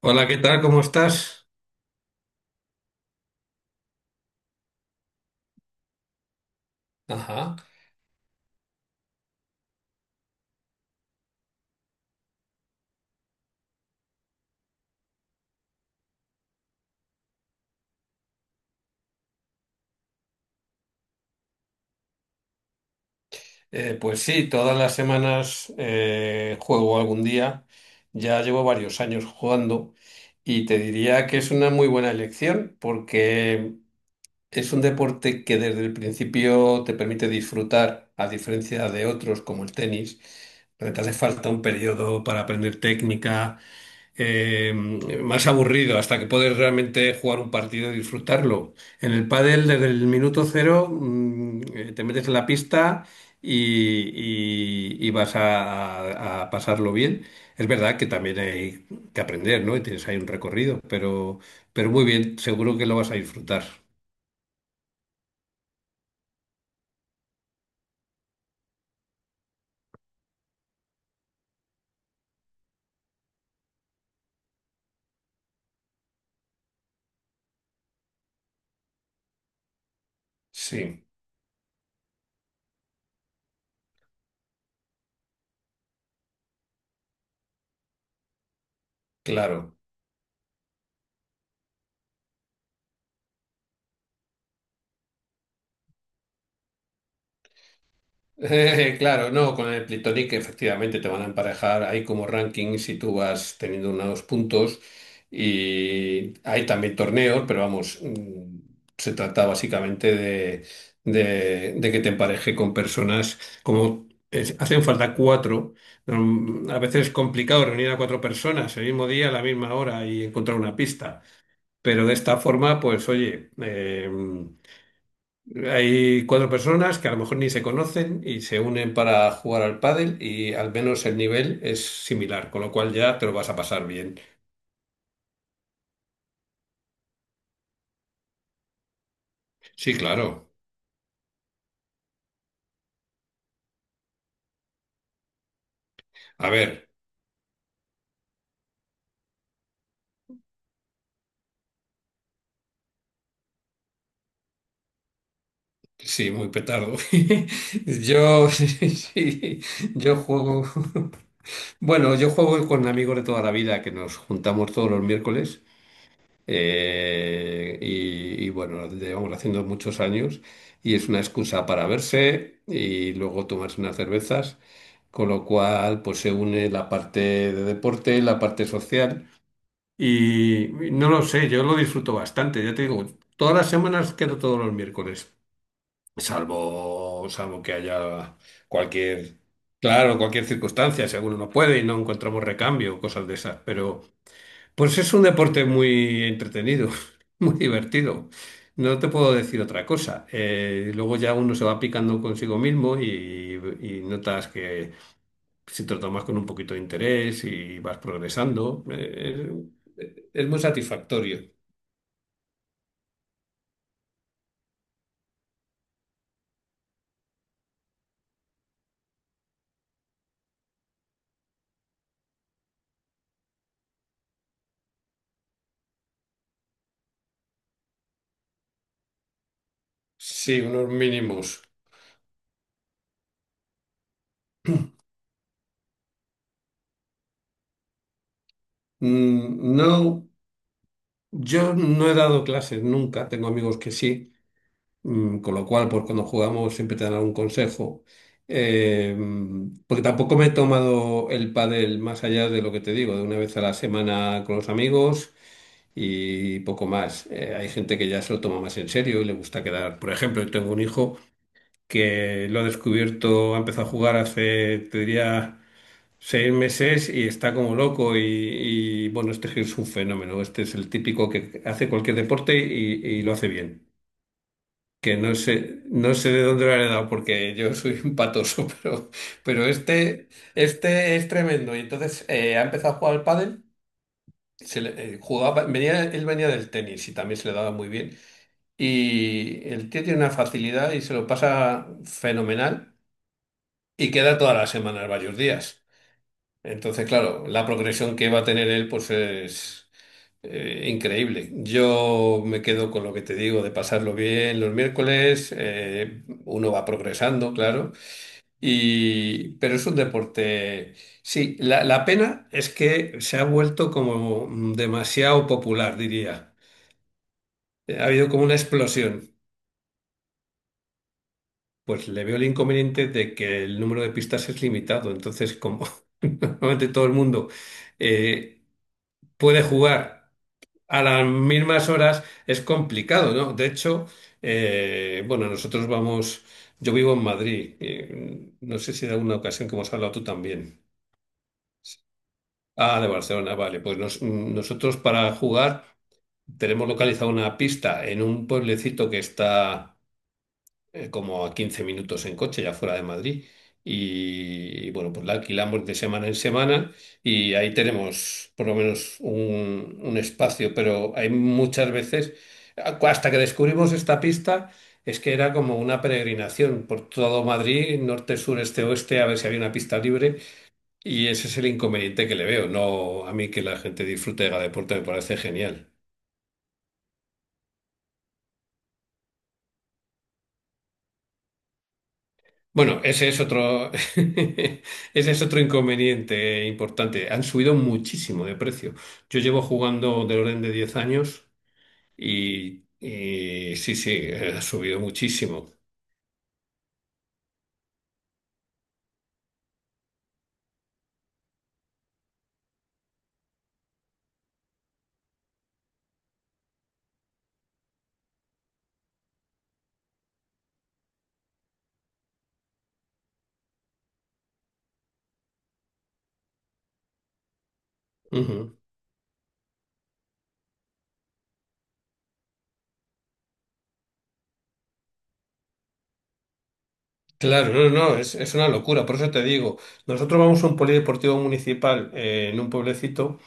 Hola, ¿qué tal? ¿Cómo estás? Ajá. Pues sí, todas las semanas juego algún día. Ya llevo varios años jugando y te diría que es una muy buena elección porque es un deporte que desde el principio te permite disfrutar, a diferencia de otros como el tenis, donde te hace falta un periodo para aprender técnica, eh, más aburrido, hasta que puedes realmente jugar un partido y disfrutarlo. En el pádel, desde el minuto cero, te metes en la pista y vas a pasarlo bien. Es verdad que también hay que aprender, ¿no? Y tienes ahí un recorrido, pero muy bien, seguro que lo vas a disfrutar. Sí, claro. Claro, no, con el Plitonic efectivamente te van a emparejar. Hay como rankings y tú vas teniendo unos puntos. Y hay también torneos, pero vamos, se trata básicamente de, de que te empareje con personas como hacen falta cuatro. A veces es complicado reunir a cuatro personas el mismo día, a la misma hora y encontrar una pista. Pero de esta forma, pues oye. Hay cuatro personas que a lo mejor ni se conocen y se unen para jugar al pádel y al menos el nivel es similar, con lo cual ya te lo vas a pasar bien. Sí, claro. A ver, sí, muy petardo. Yo, sí, yo juego. Bueno, yo juego con amigos de toda la vida que nos juntamos todos los miércoles. Y bueno, llevamos haciendo muchos años y es una excusa para verse y luego tomarse unas cervezas, con lo cual pues se une la parte de deporte, la parte social y no lo sé, yo lo disfruto bastante, ya te digo, todas las semanas quedo todos los miércoles, salvo que haya cualquier, claro, cualquier circunstancia, si alguno no puede y no encontramos recambio, cosas de esas, pues es un deporte muy entretenido, muy divertido. No te puedo decir otra cosa. Luego ya uno se va picando consigo mismo y, notas que si te lo tomas con un poquito de interés y vas progresando, es muy satisfactorio. Sí, unos mínimos. No, yo no he dado clases nunca, tengo amigos que sí. Con lo cual, pues cuando jugamos siempre te dan algún consejo. Eh, Porque tampoco me he tomado el pádel más allá de lo que te digo, de una vez a la semana con los amigos y poco más. Hay gente que ya se lo toma más en serio y le gusta quedar. Por ejemplo, yo tengo un hijo que lo ha descubierto, ha empezado a jugar hace, te diría, 6 meses y está como loco y, bueno, este es un fenómeno. Este es el típico que hace cualquier deporte y lo hace bien, que no sé, no sé de dónde lo han dado porque yo soy un patoso, pero este es tremendo. Y entonces ha empezado a jugar al pádel, jugaba, él venía del tenis y también se le daba muy bien. Y el tío tiene una facilidad y se lo pasa fenomenal y queda todas las semanas varios días. Entonces, claro, la progresión que va a tener él pues es... Increíble. Yo me quedo con lo que te digo de pasarlo bien los miércoles. Uno va progresando, claro. Y, pero es un deporte. Sí, la pena es que se ha vuelto como demasiado popular, diría. Ha habido como una explosión. Pues le veo el inconveniente de que el número de pistas es limitado. Entonces, como normalmente todo el mundo eh, puede jugar. A las mismas horas es complicado, ¿no? De hecho, bueno, nosotros vamos, yo vivo en Madrid, no sé si de alguna ocasión que hemos hablado tú también. Ah, de Barcelona, vale, pues nosotros para jugar tenemos localizada una pista en un pueblecito que está como a 15 minutos en coche, ya fuera de Madrid. Y, bueno, pues la alquilamos de semana en semana y ahí tenemos por lo menos un espacio, pero hay muchas veces, hasta que descubrimos esta pista, es que era como una peregrinación por todo Madrid, norte, sur, este, oeste, a ver si había una pista libre. Y ese es el inconveniente que le veo, no a mí que la gente disfrute de cada deporte me parece genial. Bueno, ese es otro, ese es otro inconveniente importante. Han subido muchísimo de precio. Yo llevo jugando del orden de 10 años y sí, sí, ha subido muchísimo. Ujú. Claro, no, no, es una locura. Por eso te digo, nosotros vamos a un polideportivo municipal en un pueblecito,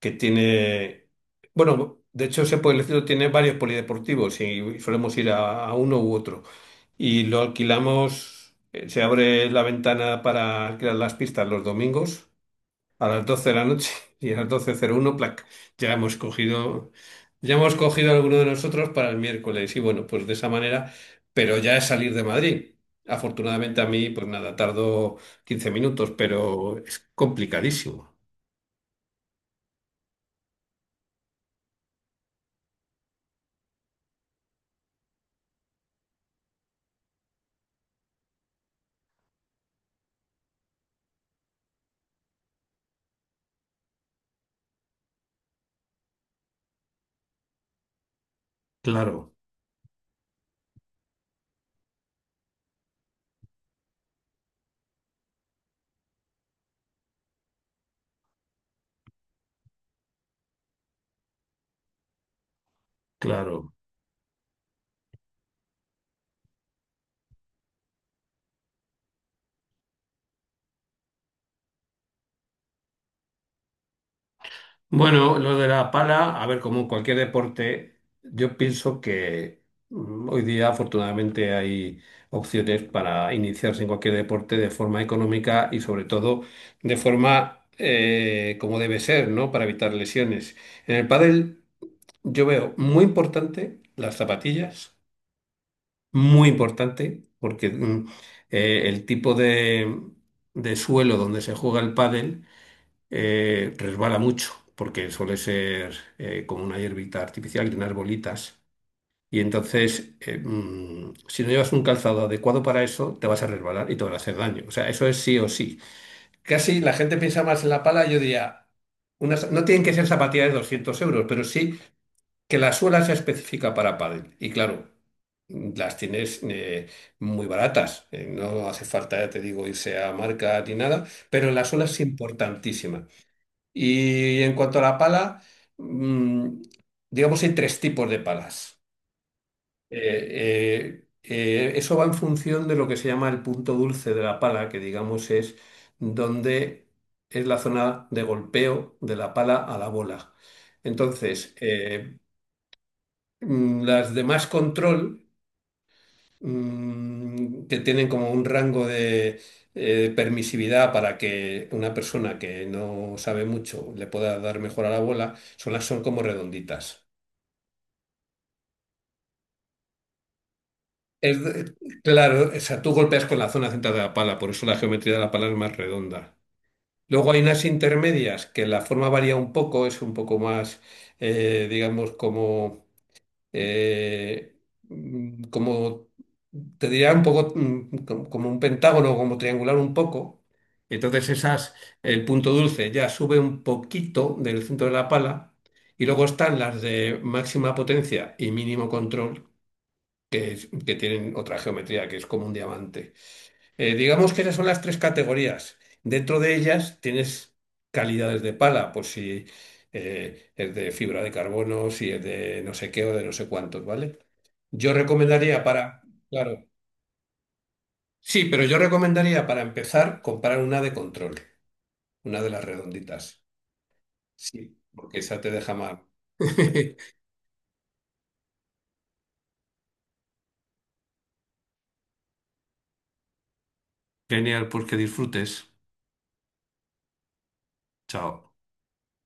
que tiene, bueno, de hecho ese pueblecito tiene varios polideportivos y solemos ir a uno u otro. Y lo alquilamos, se abre la ventana para alquilar las pistas los domingos a las 12 de la noche y a las 12:01, plac, ya hemos cogido, ya hemos cogido alguno de nosotros para el miércoles. Y bueno, pues de esa manera, pero ya es salir de Madrid. Afortunadamente a mí, pues nada, tardo 15 minutos, pero es complicadísimo. Claro, claro. Bueno, lo de la pala, a ver, como en cualquier deporte, yo pienso que hoy día afortunadamente hay opciones para iniciarse en cualquier deporte de forma económica y sobre todo de forma como debe ser, ¿no? Para evitar lesiones. En el pádel yo veo muy importante las zapatillas, muy importante, porque el tipo de, suelo donde se juega el pádel resbala mucho, porque suele ser como una hierbita artificial y unas bolitas. Y entonces, si no llevas un calzado adecuado para eso, te vas a resbalar y te van a hacer daño. O sea, eso es sí o sí. Casi la gente piensa más en la pala, yo diría, unas, no tienen que ser zapatillas de 200 euros, pero sí que la suela sea específica para pádel. Y claro, las tienes muy baratas. No hace falta, ya te digo, irse a marca ni nada, pero la suela es importantísima. Y en cuanto a la pala, mm, digamos, hay tres tipos de palas. Eso va en función de lo que se llama el punto dulce de la pala, que digamos es donde es la zona de golpeo de la pala a la bola. Entonces, las de más control que tienen como un rango de permisividad para que una persona que no sabe mucho le pueda dar mejor a la bola, son las son como redonditas. Es de- claro, o sea, tú golpeas con la zona central de la pala, por eso la geometría de la pala es más redonda. Luego hay unas intermedias que la forma varía un poco, es un poco más, digamos, como eh, como te diría un poco como un pentágono, como triangular un poco. Entonces esas, el punto dulce ya sube un poquito del centro de la pala y luego están las de máxima potencia y mínimo control, que, que tienen otra geometría, que es como un diamante. Digamos que esas son las tres categorías. Dentro de ellas tienes calidades de pala, pues si es de fibra de carbono, si es de no sé qué o de no sé cuántos, ¿vale? Yo recomendaría para, claro, sí, pero yo recomendaría para empezar comprar una de control, una de las redonditas. Sí, porque esa te deja mal. Genial, pues que disfrutes. Chao.